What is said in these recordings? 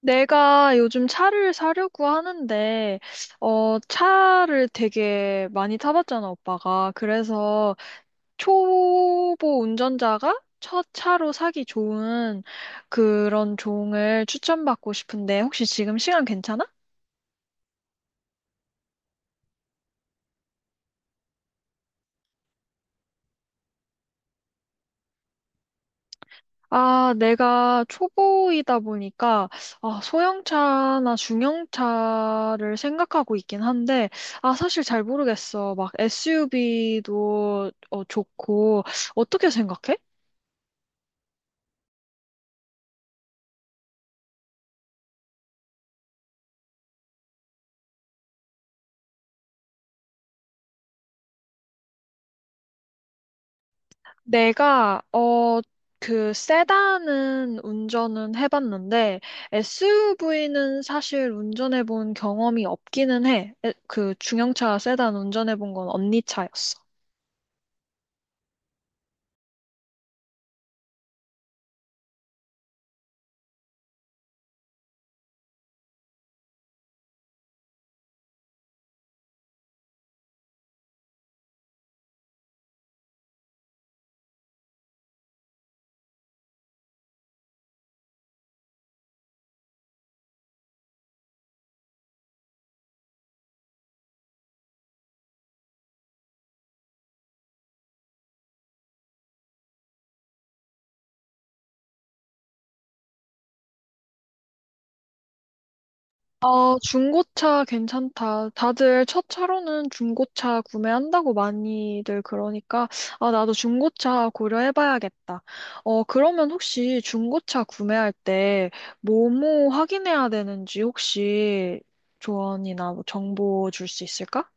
내가 요즘 차를 사려고 하는데, 차를 되게 많이 타봤잖아, 오빠가. 그래서 초보 운전자가 첫 차로 사기 좋은 그런 종을 추천받고 싶은데, 혹시 지금 시간 괜찮아? 아, 내가 초보이다 보니까, 아, 소형차나 중형차를 생각하고 있긴 한데, 아, 사실 잘 모르겠어. 막 SUV도 좋고, 어떻게 생각해? 내가 어 그 세단은 운전은 해봤는데 SUV는 사실 운전해본 경험이 없기는 해. 그 중형차 세단 운전해본 건 언니 차였어. 아, 중고차 괜찮다. 다들 첫 차로는 중고차 구매한다고 많이들 그러니까, 아, 나도 중고차 고려해봐야겠다. 어, 그러면 혹시 중고차 구매할 때 뭐뭐 확인해야 되는지 혹시 조언이나 뭐 정보 줄 수 있을까?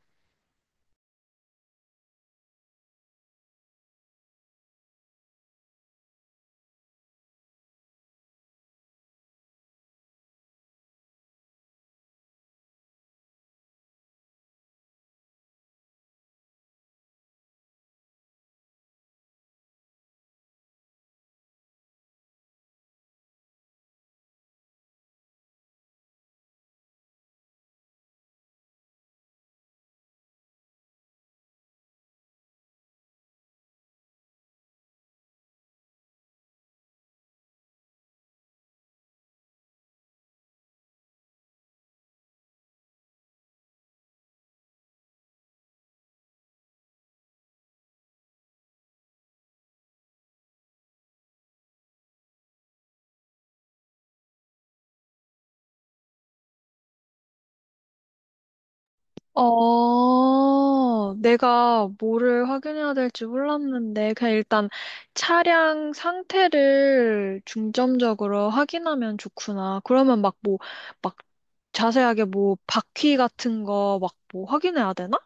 어, 내가 뭐를 확인해야 될지 몰랐는데, 그냥 일단 차량 상태를 중점적으로 확인하면 좋구나. 그러면 막 뭐, 막 자세하게 뭐, 바퀴 같은 거 막 뭐 확인해야 되나?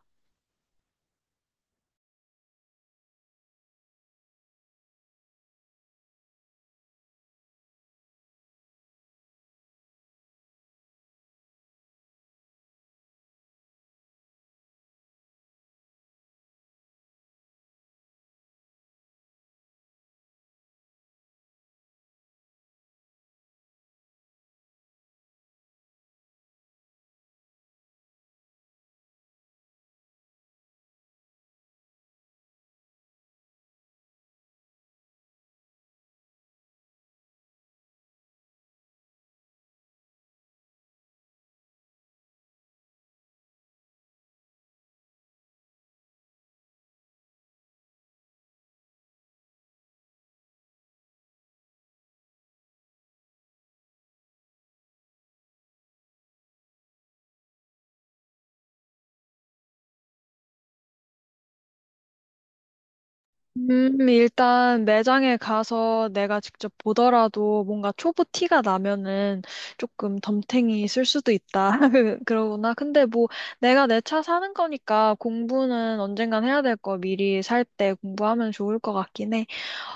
일단 매장에 가서 내가 직접 보더라도 뭔가 초보 티가 나면은 조금 덤탱이 쓸 수도 있다. 그러구나. 근데 뭐 내가 내 차 사는 거니까 공부는 언젠간 해야 될 거 미리 살 때 공부하면 좋을 것 같긴 해.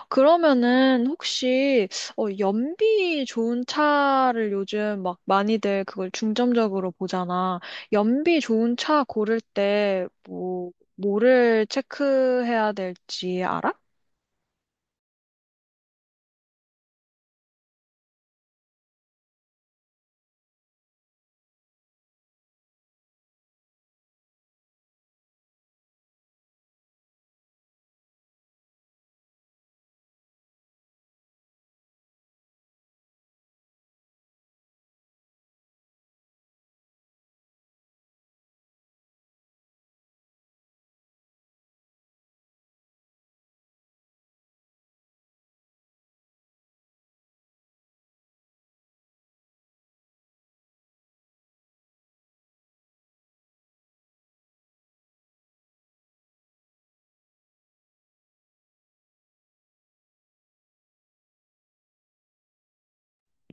그러면은 혹시 어, 연비 좋은 차를 요즘 막 많이들 그걸 중점적으로 보잖아. 연비 좋은 차 고를 때 뭐 뭐를 체크해야 될지 알아?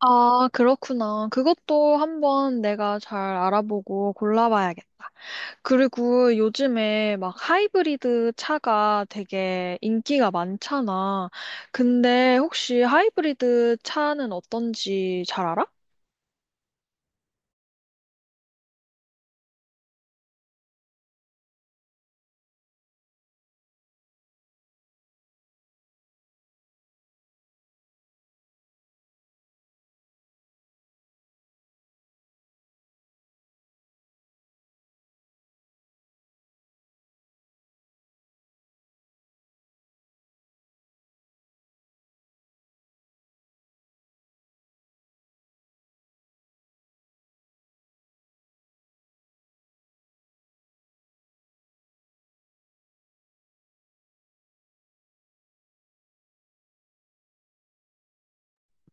아, 그렇구나. 그것도 한번 내가 잘 알아보고 골라봐야겠다. 그리고 요즘에 막 하이브리드 차가 되게 인기가 많잖아. 근데 혹시 하이브리드 차는 어떤지 잘 알아?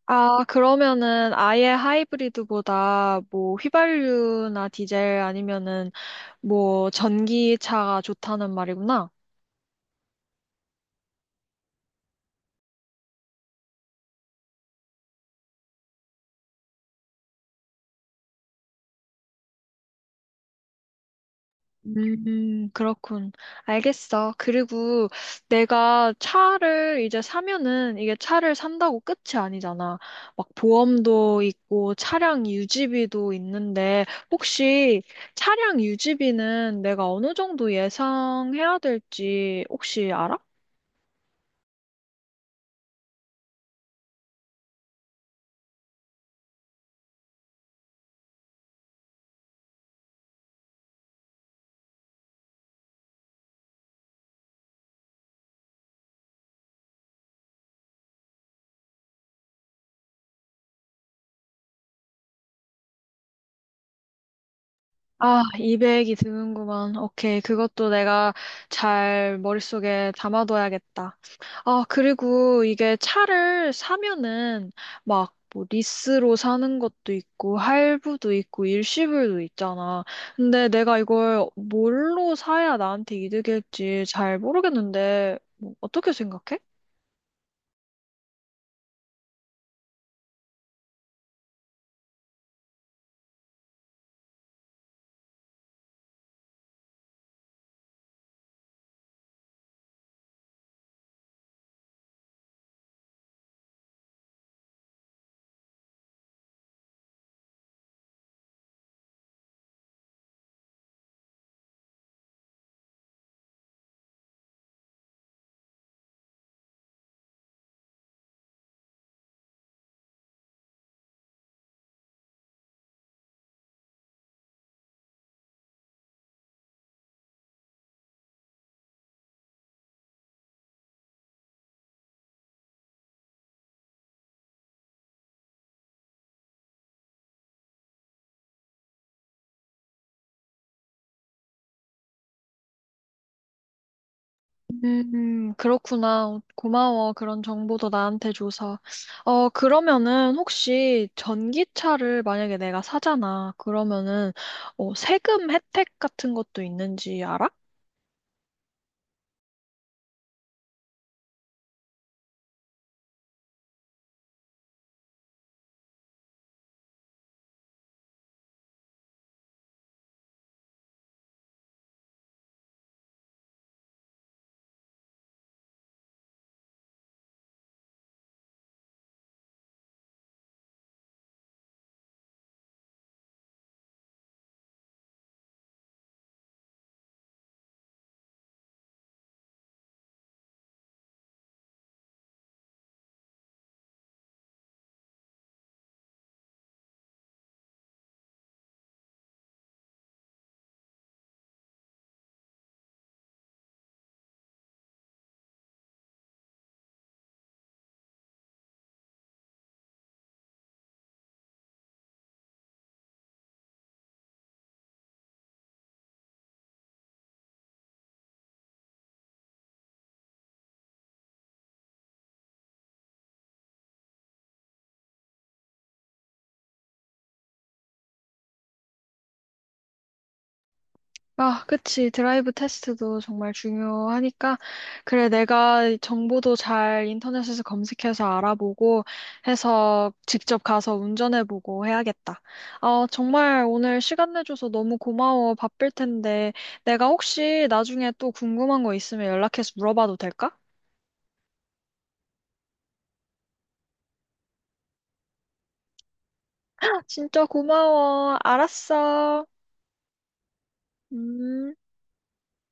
아, 그러면은 아예 하이브리드보다 뭐 휘발유나 디젤 아니면은 뭐 전기차가 좋다는 말이구나. 그렇군. 알겠어. 그리고 내가 차를 이제 사면은 이게 차를 산다고 끝이 아니잖아. 막 보험도 있고 차량 유지비도 있는데 혹시 차량 유지비는 내가 어느 정도 예상해야 될지 혹시 알아? 아, 200이 드는구만. 오케이. 그것도 내가 잘 머릿속에 담아둬야겠다. 아, 그리고 이게 차를 사면은 막 뭐 리스로 사는 것도 있고 할부도 있고 일시불도 있잖아. 근데 내가 이걸 뭘로 사야 나한테 이득일지 잘 모르겠는데 뭐 어떻게 생각해? 그렇구나. 고마워. 그런 정보도 나한테 줘서. 어, 그러면은 혹시 전기차를 만약에 내가 사잖아. 그러면은 어, 세금 혜택 같은 것도 있는지 알아? 아, 그치. 드라이브 테스트도 정말 중요하니까. 그래, 내가 정보도 잘 인터넷에서 검색해서 알아보고 해서 직접 가서 운전해보고 해야겠다. 어, 정말 오늘 시간 내줘서 너무 고마워. 바쁠 텐데. 내가 혹시 나중에 또 궁금한 거 있으면 연락해서 물어봐도 될까? 아, 진짜 고마워. 알았어. 음.